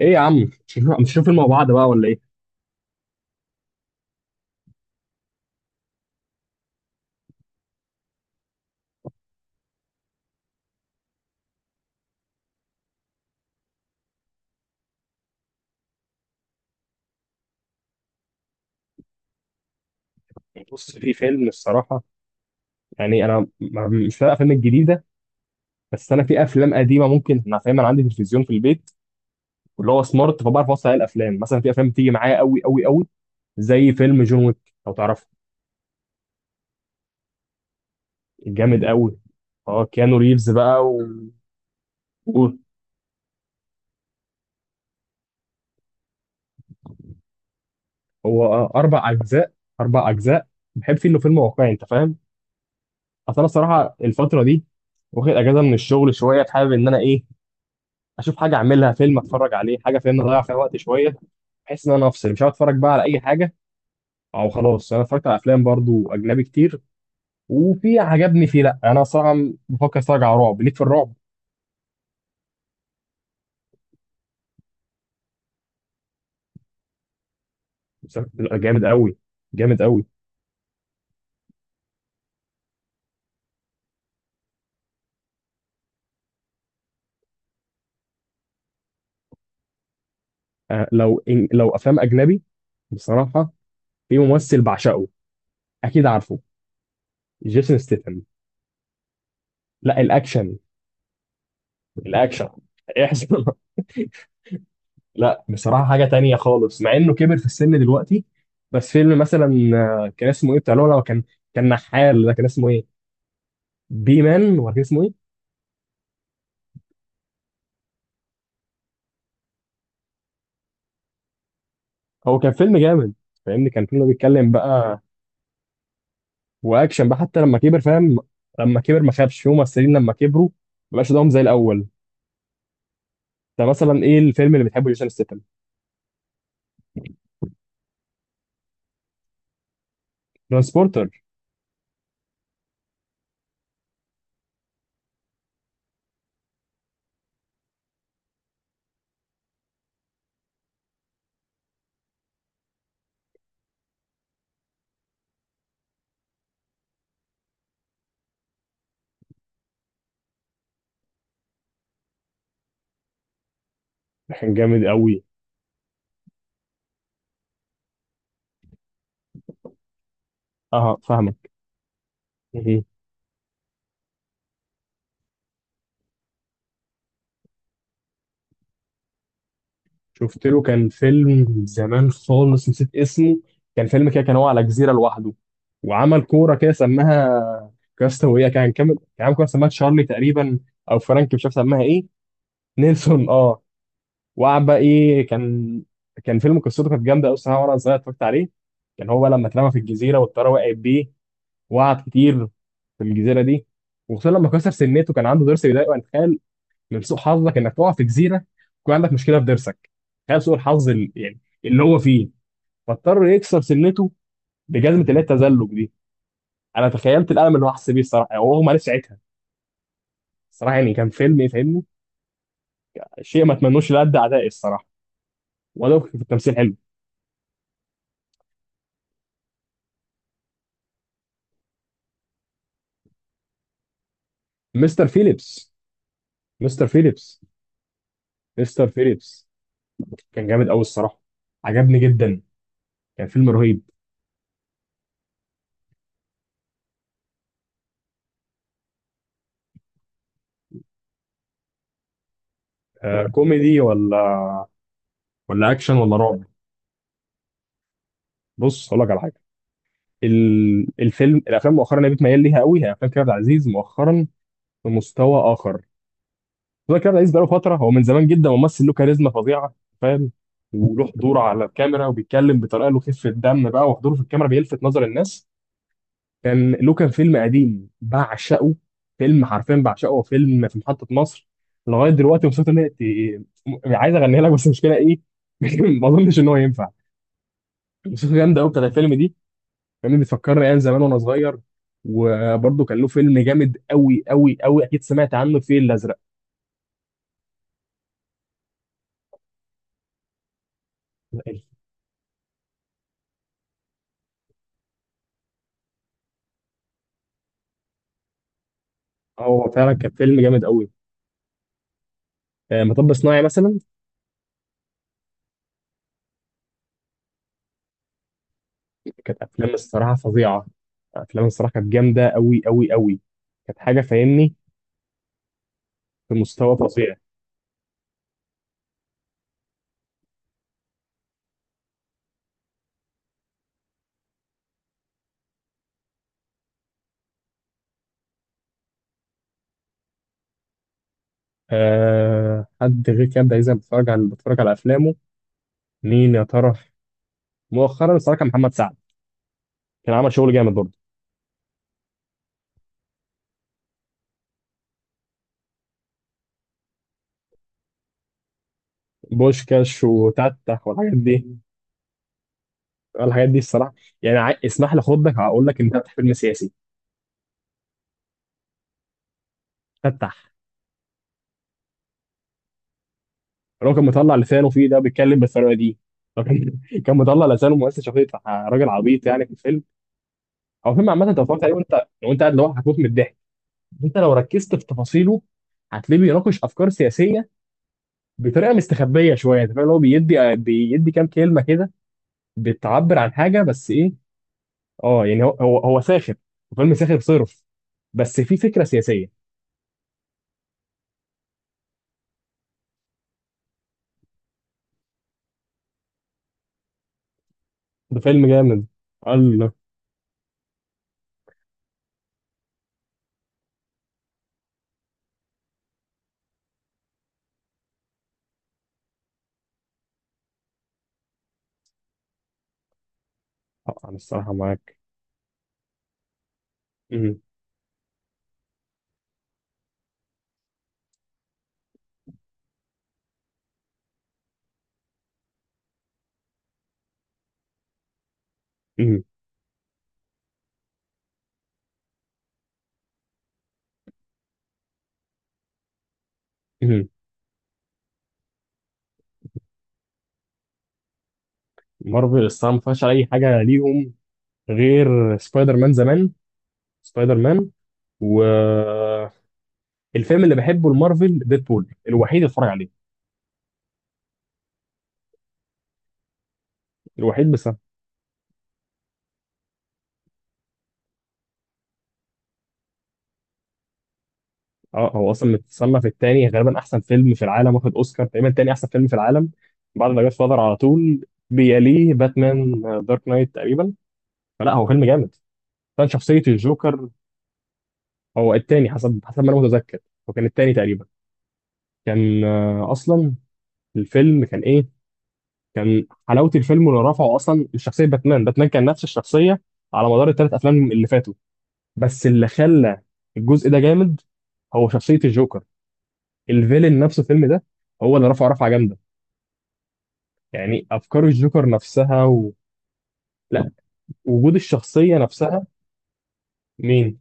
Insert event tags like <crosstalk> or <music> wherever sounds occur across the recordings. ايه يا عم مش هنشوف فيلم مع بعض بقى ولا ايه؟ بص، في فيلم الصراحه. يعني انا مش فاهم الافلام الجديده. بس انا في افلام قديمه ممكن انا فاهم. انا عندي تلفزيون في البيت واللي هو سمارت، فبعرف اوصل عليه الافلام. مثلا في افلام بتيجي معايا قوي قوي قوي، زي فيلم جون ويك، لو تعرفه. جامد قوي. اه، كيانو ريفز بقى و... هو 4 اجزاء، 4 اجزاء. بحب فيه انه فيلم واقعي، انت فاهم. اصل انا الصراحه الفتره دي واخد اجازه من الشغل شويه، حابب ان انا ايه اشوف حاجه اعملها، فيلم اتفرج عليه، حاجه، فاهم، اضيع فيها وقت شويه، بحيث ان انا افصل. مش هقعد اتفرج بقى على اي حاجه. او خلاص انا اتفرجت على افلام برضو اجنبي كتير، وفي عجبني فيه. لا، انا صراحه بفكر اتفرج على رعب. ليك في الرعب. جامد قوي، جامد قوي. أه، لو إن لو افلام اجنبي بصراحه، في ممثل بعشقه، اكيد عارفه، جيسون ستيتن. لا، الاكشن احسن. <laughs> لا، بصراحة حاجة تانية خالص مع انه كبر في السن دلوقتي. بس فيلم مثلا كان اسمه ايه، بتاع لولا كان، كان نحال، ده كان اسمه ايه، بي مان ولا كان اسمه ايه. هو كان فيلم جامد، فاهمني، كان فيلم بيتكلم بقى، واكشن بقى حتى لما كبر، فاهم. لما كبر ما خابش. في ممثلين لما كبروا ما بقاش قدامهم زي الاول. ده مثلا ايه الفيلم اللي بتحبه جيسون ستيتم؟ ترانسبورتر، كان جامد قوي. اه، فاهمك. شفت له كان فيلم زمان خالص نسيت اسمه. كان فيلم كده، كان هو على جزيرة لوحده، وعمل كورة كده سماها كاستاوية، كان كامل، كان عامل كورة سماها تشارلي تقريبا، أو فرانك، مش عارف سماها إيه. نيلسون، أه. وقعد بقى إيه كان. كان فيلم قصته كانت جامدة أوي الصراحة، وأنا صغير اتفرجت عليه. كان هو لما اترمى في الجزيرة والطيارة وقعت بيه، وقعد كتير في الجزيرة دي. وخصوصا لما كسر سنته، كان عنده ضرس بيضايقه. انت من سوء حظك انك تقع في جزيره يكون عندك مشكله في ضرسك. تخيل سوء الحظ يعني اللي هو فيه. فاضطر يكسر سنته بجزمه اللي هي التزلج دي. انا تخيلت الالم اللي هو حس بيه الصراحه، يعني هو ما عرفش ساعتها الصراحه، يعني كان فيلم، يفهمني. شيء ما اتمنوش لأد اعدائي الصراحه. ولو في التمثيل حلو. مستر فيليبس. مستر فيليبس. مستر فيليبس. كان جامد قوي الصراحه، عجبني جدا، كان فيلم رهيب. آه، كوميدي، ولا اكشن ولا رعب؟ بص، هقول لك على حاجه. الافلام مؤخرا اللي بتميل ليها قوي هي افلام كريم عبد العزيز. مؤخرا في مستوى اخر. مستوى كريم عبد العزيز بقاله فتره، هو من زمان جدا ممثل له كاريزما فظيعه، فاهم، وله حضور على الكاميرا، وبيتكلم بطريقه له خفه دم بقى، وحضوره في الكاميرا بيلفت نظر الناس. كان له فيلم قديم بعشقه، فيلم حرفيا بعشقه، فيلم في محطه مصر. لغايه دلوقتي مبسوط ان هي عايز اغنيها لك، بس المشكله ايه. <laughs> ما اظنش ان هو ينفع. موسيقى جامده قوي بتاعت الفيلم دي، فاهمني، بتفكرني ايام زمان وانا صغير. وبرضه كان له فيلم جامد قوي قوي قوي، اكيد سمعت عنه، الفيل الازرق. هو فعلا كان فيلم جامد قوي. مطب صناعي مثلا. كانت افلام الصراحه فظيعه. افلام الصراحه كانت جامده قوي قوي قوي، كانت حاجه، فاهمني، في مستوى فظيع. أه، حد غير كده دايما بتفرج على افلامه. مين يا ترى؟ مؤخرا الصراحه كان محمد سعد، كان عمل شغل جامد برضه، بوشكاش وتتح والحاجات دي. الحاجات دي الصراحه، يعني اسمح لي اخدك، هقول لك، انت بتاع فيلم سياسي؟ فتح. الراجل كان مطلع لسانه فيه، ده بيتكلم بالطريقه دي، لكن <laughs> كان مطلع لسانه مؤسس شخصيه راجل عبيط يعني في الفيلم. هو فيلم عامه، انت اتفرجت عليه وانت قاعد لوحدك، هتموت من الضحك. انت لو ركزت في تفاصيله هتلاقيه بيناقش افكار سياسيه بطريقه مستخبيه شويه، انت فاهم، اللي هو بيدي بيدي كام كلمه كده بتعبر عن حاجه، بس ايه. اه، يعني هو ساخر، فيلم ساخر صرف، بس في فكره سياسيه. ده فيلم جامد. الله. انا الصراحه معاك. مم. مم. مم. مارفل الصراحه ما فيهاش اي حاجه ليهم، غير سبايدر مان زمان. سبايدر مان والفيلم اللي بحبه المارفل، ديدبول، الوحيد اللي اتفرج عليه، الوحيد بس. اه، هو اصلا متصنف التاني، غالبا احسن فيلم في العالم واخد اوسكار، تقريبا تاني احسن فيلم في العالم بعد ما جاد فاذر على طول. بيليه، باتمان دارك نايت تقريبا. فلا، هو فيلم جامد. كان شخصيه الجوكر. هو التاني، حسب ما انا متذكر، هو كان التاني تقريبا. كان اصلا الفيلم كان ايه، كان حلاوه الفيلم اللي رفعه اصلا الشخصيه، باتمان. باتمان كان نفس الشخصيه على مدار الـ 3 افلام اللي فاتوا، بس اللي خلى الجزء ده جامد هو شخصيه الجوكر، الفيلن نفسه الفيلم ده، هو اللي رفعه جامده، يعني افكار الجوكر نفسها. لا، وجود الشخصيه نفسها. مين؟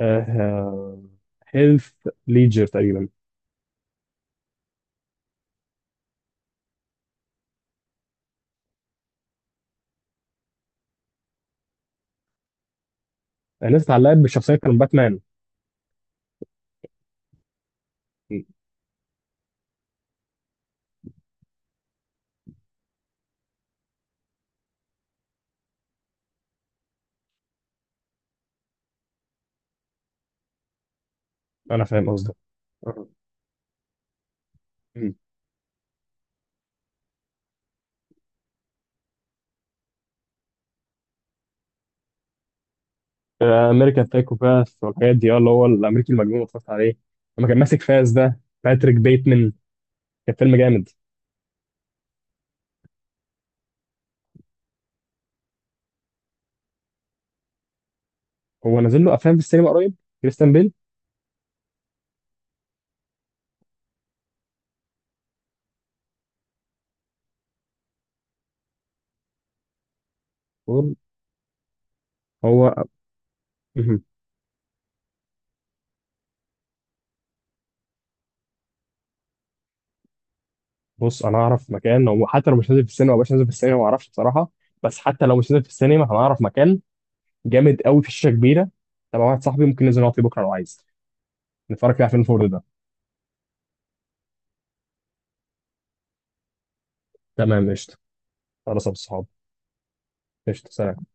آه... آه، هيلث ليجر تقريبا. الناس اتعلقت بالشخصيه، كان باتمان. انا فاهم قصدك. امريكان تايكو باس والحاجات دي، اه، اللي هو الامريكي المجنون، اتفرجت عليه لما كان ماسك فاس ده، باتريك بيتمان. كان فيلم جامد. هو نازل له افلام في السينما قريب، كريستيان بيل. هو هو- مهم. بص، انا اعرف مكان. هو حتى لو مش نازل في السينما، مش نازل في السينما ما اعرفش بصراحه، بس حتى لو مش نازل في السينما هنعرف مكان جامد قوي في شاشه كبيره تبع واحد صاحبي. ممكن ننزل نقعد فيه بكره لو عايز، نتفرج فيه على فيلم فورد ده. تمام، قشطه. خلاص يا أبو الصحاب. قشطه، سلام.